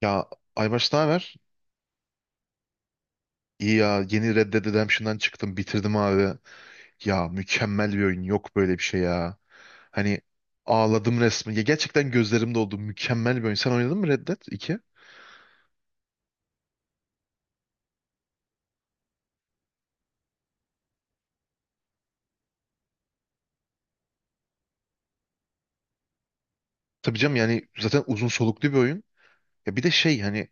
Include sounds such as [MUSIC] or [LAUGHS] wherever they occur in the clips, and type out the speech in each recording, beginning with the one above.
Ya Aybaş ne haber? İyi ya yeni Red Dead Redemption'dan çıktım bitirdim abi. Ya mükemmel bir oyun yok böyle bir şey ya. Hani ağladım resmen. Ya gerçekten gözlerim doldu. Mükemmel bir oyun. Sen oynadın mı Red Dead 2? Tabii canım yani zaten uzun soluklu bir oyun. Ya bir de şey hani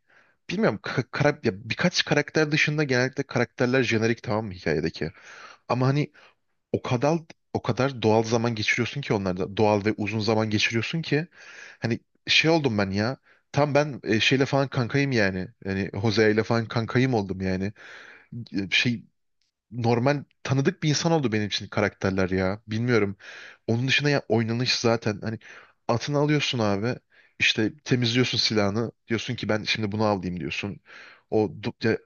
bilmiyorum ya birkaç karakter dışında genellikle karakterler jenerik tamam mı hikayedeki? Ama hani O kadar o kadar doğal zaman geçiriyorsun ki onlarda. Doğal ve uzun zaman geçiriyorsun ki hani şey oldum ben ya. Tam ben şeyle falan kankayım yani. Yani Jose ile falan kankayım oldum yani. Şey normal tanıdık bir insan oldu benim için karakterler ya. Bilmiyorum. Onun dışında ya oynanış zaten hani atını alıyorsun abi. İşte temizliyorsun silahını. Diyorsun ki ben şimdi bunu alayım diyorsun. Ya,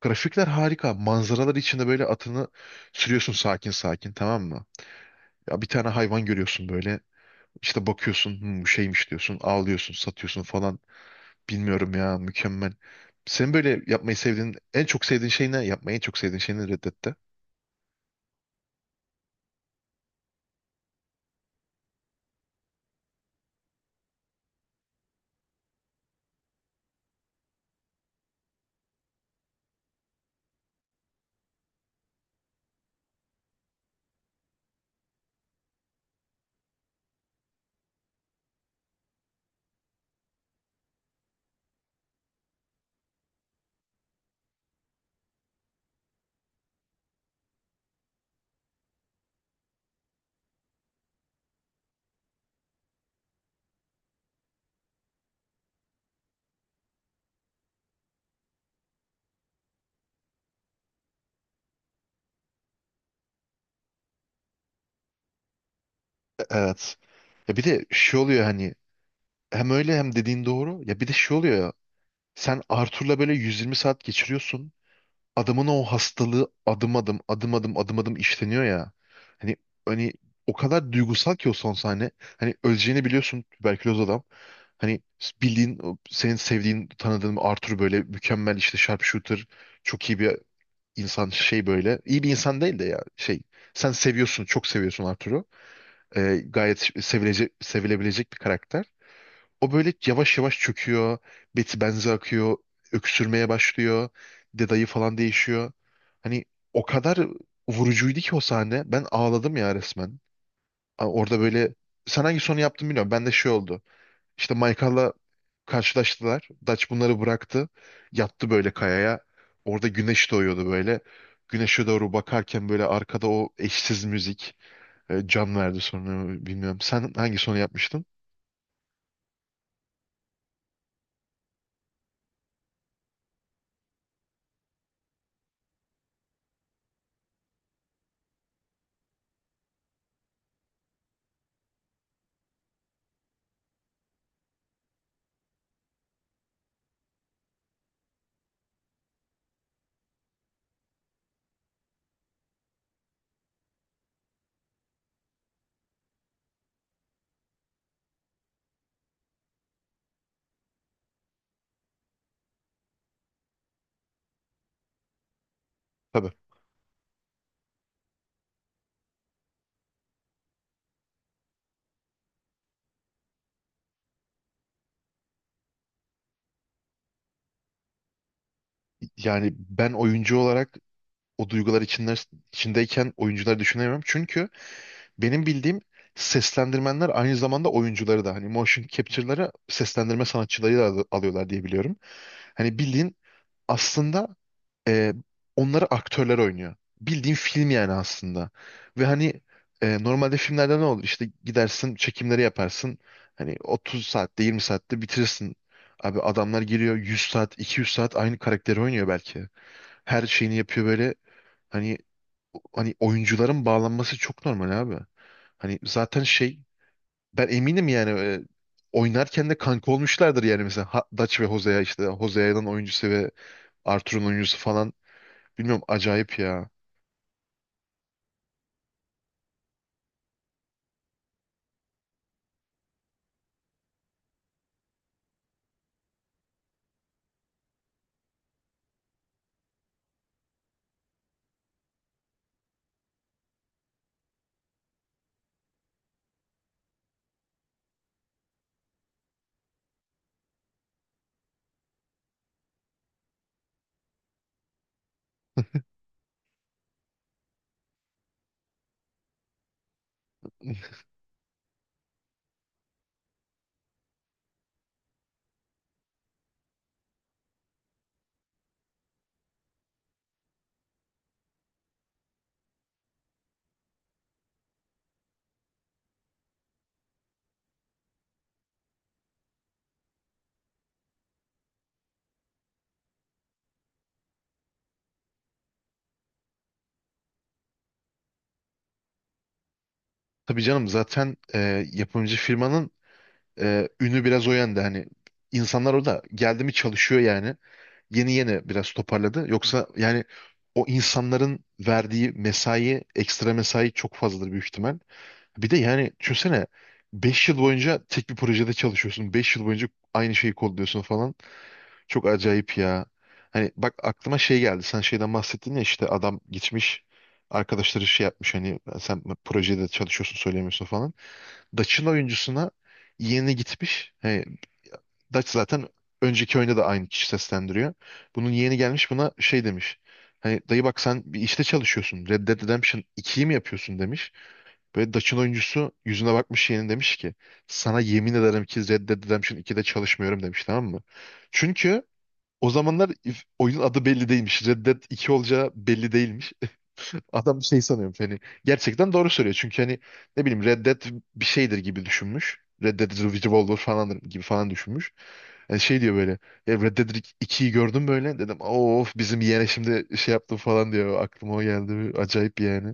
grafikler harika. Manzaralar içinde böyle atını sürüyorsun sakin sakin tamam mı? Ya bir tane hayvan görüyorsun böyle. İşte bakıyorsun "Hmm, bu şeymiş diyorsun. Ağlıyorsun, satıyorsun falan. Bilmiyorum ya mükemmel. Senin böyle yapmayı sevdiğin, en çok sevdiğin şey ne? Yapmayı en çok sevdiğin şey ne Red Dead'te? Evet. Ya bir de şey oluyor hani hem öyle hem dediğin doğru. Ya bir de şey oluyor ya. Sen Arthur'la böyle 120 saat geçiriyorsun. Adamın o hastalığı adım adım adım adım adım adım işleniyor ya. Hani hani o kadar duygusal ki o son sahne. Hani öleceğini biliyorsun tüberküloz adam. Hani bildiğin o senin sevdiğin tanıdığın Arthur böyle mükemmel işte sharpshooter çok iyi bir insan şey böyle. İyi bir insan değil de ya şey. Sen seviyorsun, çok seviyorsun Arthur'u. Gayet sevilecek, sevilebilecek bir karakter. O böyle yavaş yavaş çöküyor. Beti benzi akıyor. Öksürmeye başlıyor. Dedayı falan değişiyor. Hani o kadar vurucuydu ki o sahne. Ben ağladım ya resmen. Orada böyle sen hangi sonu yaptın bilmiyorum. Ben de şey oldu. İşte Michael'la karşılaştılar. Dutch bunları bıraktı. Yattı böyle kayaya. Orada güneş doğuyordu böyle. Güneşe doğru bakarken böyle arkada o eşsiz müzik can verdi sonra bilmiyorum. Sen hangi sonu yapmıştın? Tabii. Yani ben oyuncu olarak o duygular içinde, içindeyken oyuncuları düşünemiyorum. Çünkü benim bildiğim seslendirmenler aynı zamanda oyuncuları da hani motion capture'ları seslendirme sanatçıları da alıyorlar diye biliyorum. Hani bildiğin aslında e, onları aktörler oynuyor. Bildiğin film yani aslında. Ve hani normalde filmlerde ne olur? İşte gidersin çekimleri yaparsın. Hani 30 saatte 20 saatte bitirirsin. Abi adamlar giriyor 100 saat 200 saat aynı karakteri oynuyor belki. Her şeyini yapıyor böyle. Hani hani oyuncuların bağlanması çok normal abi. Hani zaten şey ben eminim yani oynarken de kanka olmuşlardır yani mesela Dutch ve Hosea işte Hosea'nın oyuncusu ve Arthur'un oyuncusu falan bilmiyorum acayip ya. [LAUGHS] Tabii canım zaten yapımcı firmanın ünü biraz o yönde hani insanlar orada geldi mi çalışıyor yani yeni yeni biraz toparladı yoksa yani o insanların verdiği mesai ekstra mesai çok fazladır büyük ihtimal. Bir de yani düşünsene 5 yıl boyunca tek bir projede çalışıyorsun. 5 yıl boyunca aynı şeyi kodluyorsun falan. Çok acayip ya. Hani bak aklıma şey geldi. Sen şeyden bahsettin ya işte adam gitmiş arkadaşları şey yapmış hani sen projede çalışıyorsun söylemiyorsun falan. Dutch'ın oyuncusuna yeğeni gitmiş. Hani Dutch zaten önceki oyunda da aynı kişi seslendiriyor. Bunun yeğeni gelmiş buna şey demiş. Hani dayı bak sen bir işte çalışıyorsun. Red Dead Redemption 2'yi mi yapıyorsun demiş. Böyle Dutch'ın oyuncusu yüzüne bakmış yeğenin demiş ki sana yemin ederim ki Red Dead Redemption 2'de çalışmıyorum demiş tamam mı? Çünkü o zamanlar oyunun adı belli değilmiş. Red Dead 2 olacağı belli değilmiş. [LAUGHS] Adam şey sanıyormuş hani gerçekten doğru söylüyor. Çünkü hani ne bileyim Red Dead bir şeydir gibi düşünmüş. Red Dead Revolver falan gibi falan düşünmüş. Yani şey diyor böyle "Ya Red Dead 2'yi gördüm böyle dedim of bizim yeğene şimdi şey yaptım falan diyor. Aklıma o geldi acayip yani.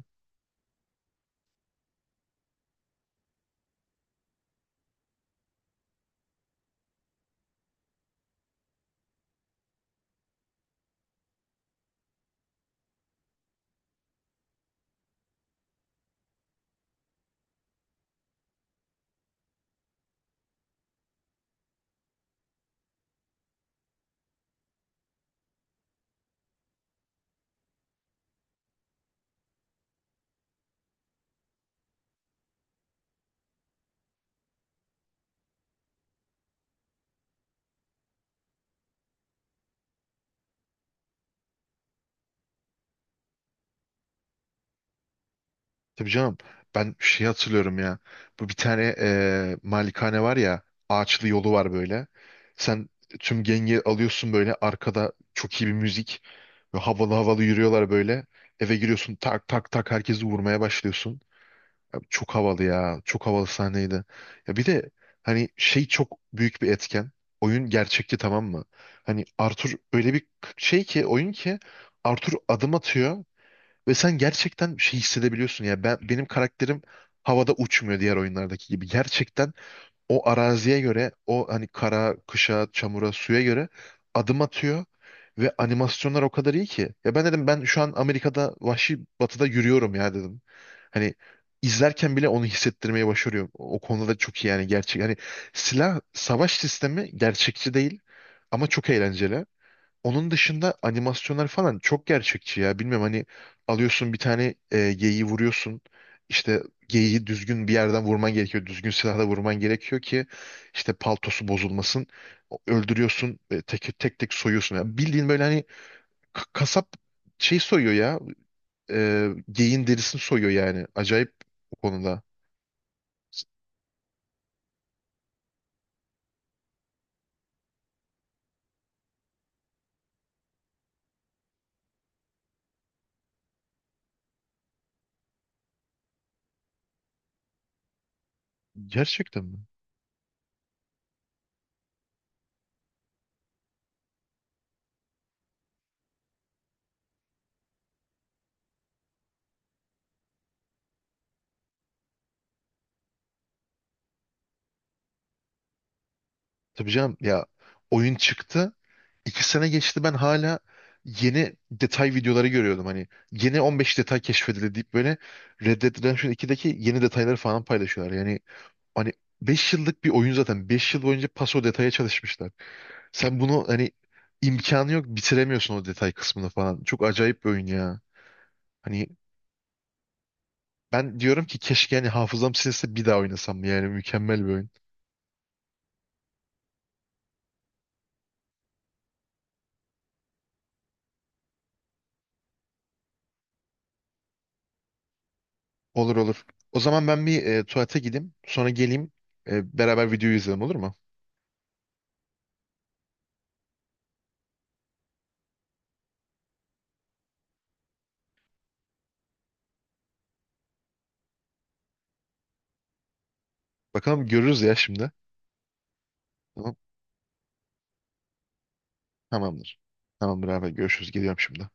Tabii canım. Ben şey hatırlıyorum ya. Bu bir tane malikane var ya. Ağaçlı yolu var böyle. Sen tüm gengi alıyorsun böyle. Arkada çok iyi bir müzik. Ve havalı havalı yürüyorlar böyle. Eve giriyorsun tak tak tak herkesi vurmaya başlıyorsun. Ya çok havalı ya. Çok havalı sahneydi. Ya bir de hani şey çok büyük bir etken. Oyun gerçekti tamam mı? Hani Arthur öyle bir şey ki oyun ki Arthur adım atıyor. Ve sen gerçekten şey hissedebiliyorsun ya ben benim karakterim havada uçmuyor diğer oyunlardaki gibi. Gerçekten o araziye göre o hani kara, kışa, çamura, suya göre adım atıyor ve animasyonlar o kadar iyi ki. Ya ben dedim ben şu an Amerika'da vahşi batıda yürüyorum ya dedim. Hani izlerken bile onu hissettirmeye başarıyor. O konuda da çok iyi yani gerçek. Hani silah savaş sistemi gerçekçi değil ama çok eğlenceli. Onun dışında animasyonlar falan çok gerçekçi ya. Bilmiyorum hani alıyorsun bir tane geyiği vuruyorsun. İşte geyiği düzgün bir yerden vurman gerekiyor. Düzgün silahla vurman gerekiyor ki işte paltosu bozulmasın. Öldürüyorsun tek tek tek soyuyorsun. Ya bildiğin böyle hani kasap şey soyuyor ya. Geyiğin derisini soyuyor yani. Acayip o konuda. S- Gerçekten mi? Tabii canım ya oyun çıktı. 2 sene geçti ben hala yeni detay videoları görüyordum. Hani yeni 15 detay keşfedildi deyip böyle Red Dead Redemption 2'deki yeni detayları falan paylaşıyorlar. Yani hani 5 yıllık bir oyun zaten. 5 yıl boyunca paso detaya çalışmışlar. Sen bunu hani imkanı yok bitiremiyorsun o detay kısmını falan. Çok acayip bir oyun ya. Hani ben diyorum ki keşke hani hafızam silinse bir daha oynasam. Yani mükemmel bir oyun. Olur olur. O zaman ben bir tuvalete gideyim. Sonra geleyim. Beraber videoyu izleyelim olur mu? Bakalım görürüz ya şimdi. Tamam. Tamamdır. Tamamdır abi. Görüşürüz. Geliyorum şimdi.